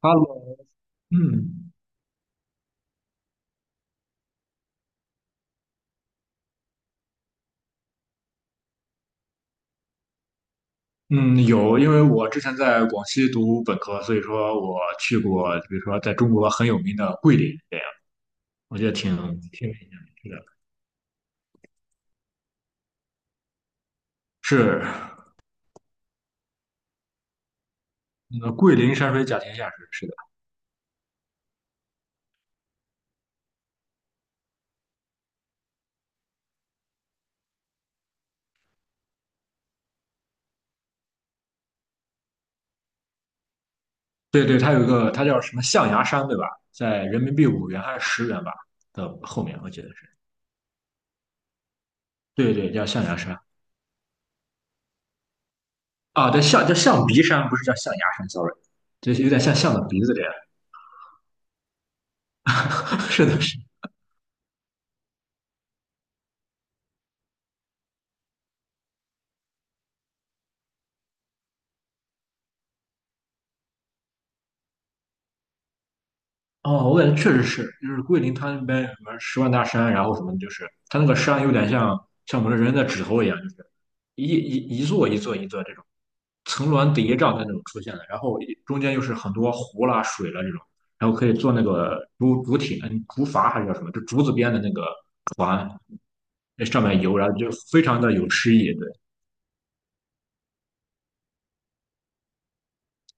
哈喽，嗯嗯，有，因为我之前在广西读本科，所以说我去过，比如说在中国很有名的桂林，这样我觉得挺有意思的。是，那个桂林山水甲天下是的，对对，它有一个，它叫什么象牙山，对吧？在人民币5元还是10元吧的后面，我记得是，对对，叫象牙山啊，对，象叫象鼻山，不是叫象牙山，sorry,就是有点像象的鼻子这样。是的，是的哦，我感觉确实是，就是桂林它那边有什么十万大山，然后什么的就是它那个山有点像我们人的指头一样，就是一座一座一座这种层峦叠嶂的那种出现的，然后中间又是很多湖啦、水啦这种，然后可以坐那个竹艇、竹筏还是叫什么，就竹子编的那个船，那上面游，然后就非常的有诗意。对，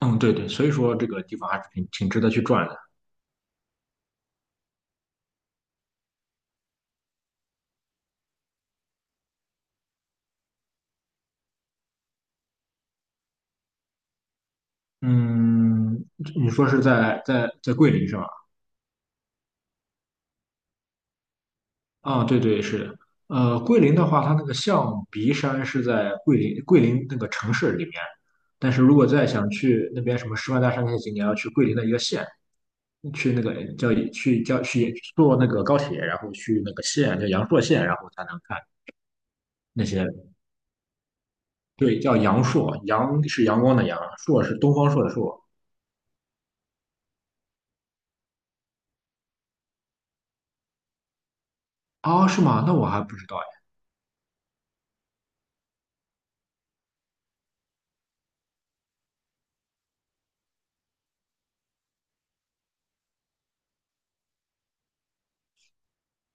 嗯，对对，所以说这个地方还是挺值得去转的。嗯，你说是在桂林是吧？啊，对对是的，桂林的话，它那个象鼻山是在桂林那个城市里面，但是如果再想去那边什么十万大山那些景点，要去桂林的一个县，去坐那个高铁，然后去那个县叫阳朔县，然后才能看那些，对，叫阳朔，阳是阳光的阳，朔是东方朔的朔。啊，是吗？那我还不知道哎。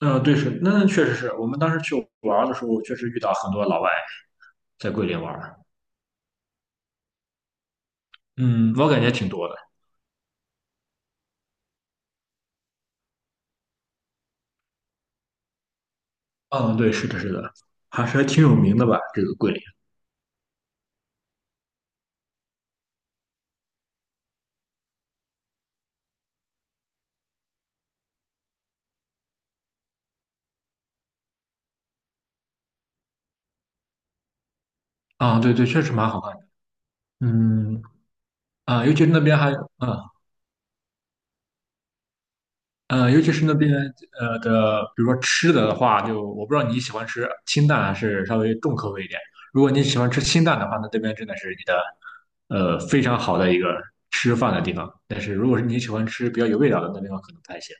嗯、对，是，那确实是我们当时去玩儿的时候，确实遇到很多老外在桂林玩儿嗯，我感觉挺多的。嗯，对，是的，是的，还是还挺有名的吧，这个桂林。啊，对对，确实蛮好看的。嗯，啊，尤其是那边还，啊，尤其是那边的，比如说吃的话，就我不知道你喜欢吃清淡还是稍微重口味一点。如果你喜欢吃清淡的话，那这边真的是你的非常好的一个吃饭的地方。但是如果是你喜欢吃比较有味道的，那地方可能不太行。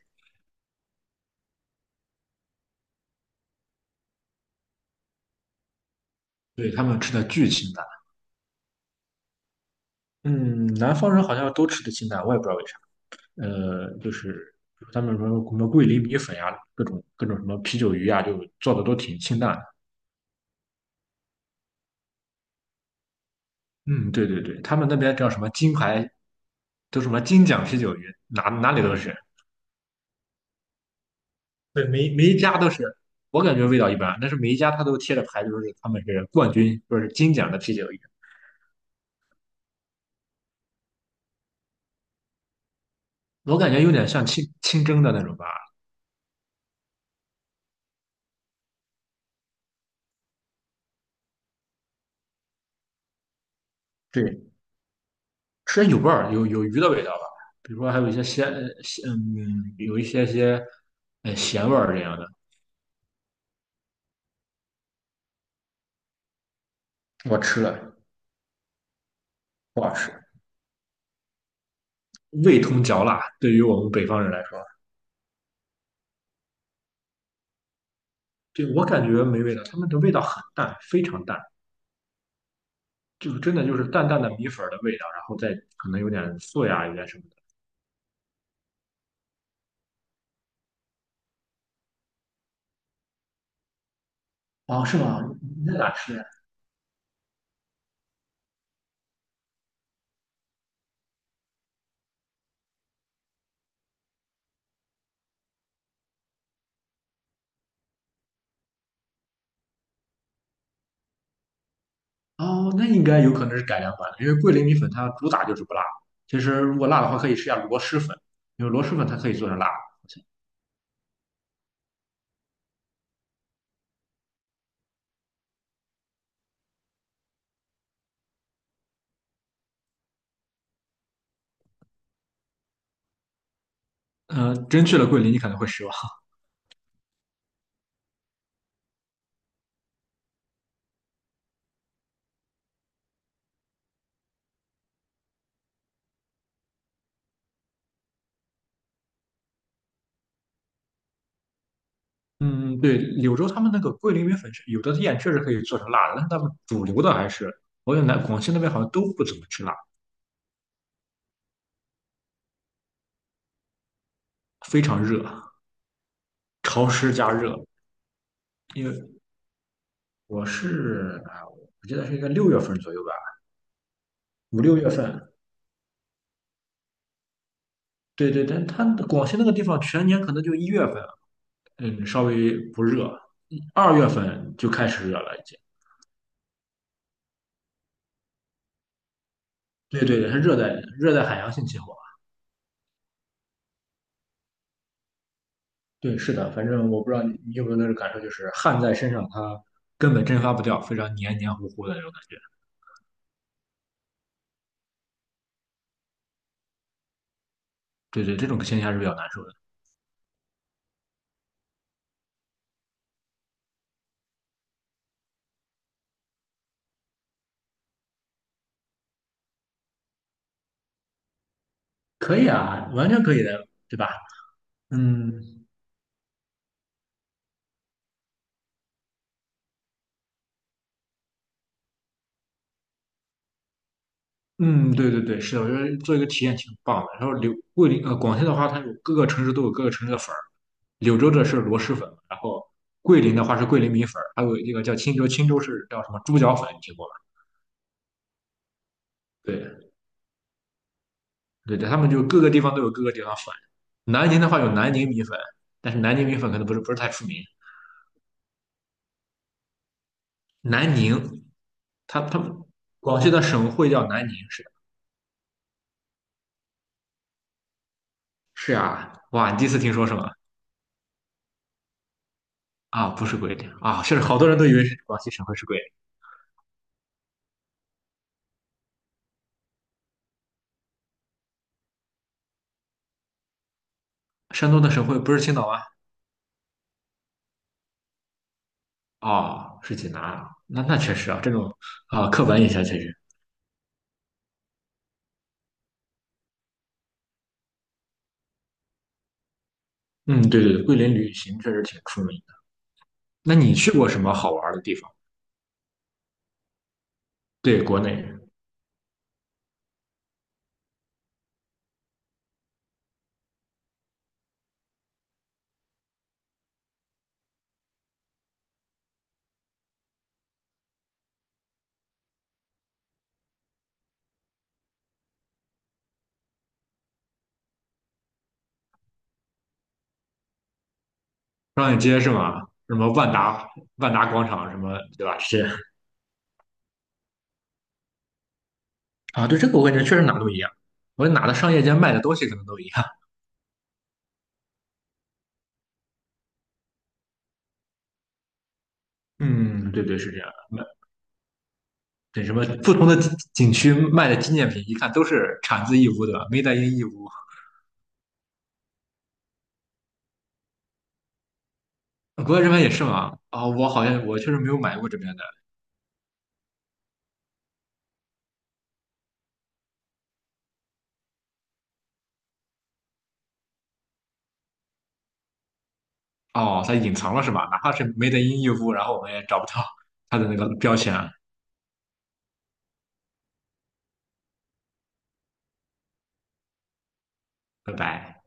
对，他们吃的巨清淡。嗯，南方人好像都吃的清淡，我也不知道为啥。就是他们什么什么桂林米粉呀，各种各种什么啤酒鱼呀，就做的都挺清淡的。嗯，对对对，他们那边叫什么金牌，都什么金奖啤酒鱼，哪里都是，对，每一家都是。我感觉味道一般，但是每一家他都贴着牌，就是他们是冠军，就是金奖的啤酒鱼。我感觉有点像清蒸的那种吧，对，吃着有味儿，有鱼的味道吧。比如说还有一些鲜,有一些咸味儿这样的。我吃了，不好吃。味同嚼蜡，对于我们北方人来说，对我感觉没味道，他们的味道很淡，非常淡，就是真的就是淡淡的米粉的味道，然后再可能有点素呀，有点什么的。哦，是吗？那咋吃呀？哦，那应该有可能是改良版的，因为桂林米粉它主打就是不辣。其实如果辣的话，可以试一下螺蛳粉，因为螺蛳粉它可以做成辣的。真去了桂林，你可能会失望。嗯，对，柳州他们那个桂林米粉是有的店确实可以做成辣的，但是他们主流的还是，我感觉南广西那边好像都不怎么吃辣。非常热，潮湿加热。因为我记得是应该六月份左右吧，五六月份。对对，但它广西那个地方全年可能就1月份，嗯，稍微不热，2月份就开始热了已经。对对对，它热带海洋性气候。对，是的，反正我不知道你有没有那种感受，就是汗在身上，它根本蒸发不掉，非常黏黏糊糊的那种感觉。对对，这种现象是比较难受的。可以啊，完全可以的，对吧？嗯，嗯，对对对，是的，我觉得做一个体验挺棒的。然后柳桂林呃，广西的话，它有各个城市都有各个城市的粉儿，柳州的是螺蛳粉，然后桂林的话是桂林米粉儿还有一个叫钦州，钦州是叫什么猪脚粉，你听过吗？对对对，他们就各个地方都有各个地方粉。南宁的话有南宁米粉，但是南宁米粉可能不是太出名。南宁，它广西的省会叫南宁，是的是啊，哇，你第一次听说是吗？啊，不是桂林啊，是好多人都以为是广西省会是桂林，山东的省会不是青岛吗？哦，是济南啊，那确实啊，这种刻板印象确实，嗯，对对对，桂林旅行确实挺出名的。那你去过什么好玩的地方？对，国内商业街是吗？什么万达广场什么，对吧？是啊，对这个我感觉确实哪都一样，我觉得哪的商业街卖的东西可能都一样。嗯，对对是这样的，卖对什么不同的景区卖的纪念品，一看都是产自义乌的，made in 义乌。国外这边也是吗？啊、我好像我确实没有买过这边的。哦，它隐藏了是吧？哪怕是 Made in 优步，然后我们也找不到它的那个标签，拜拜。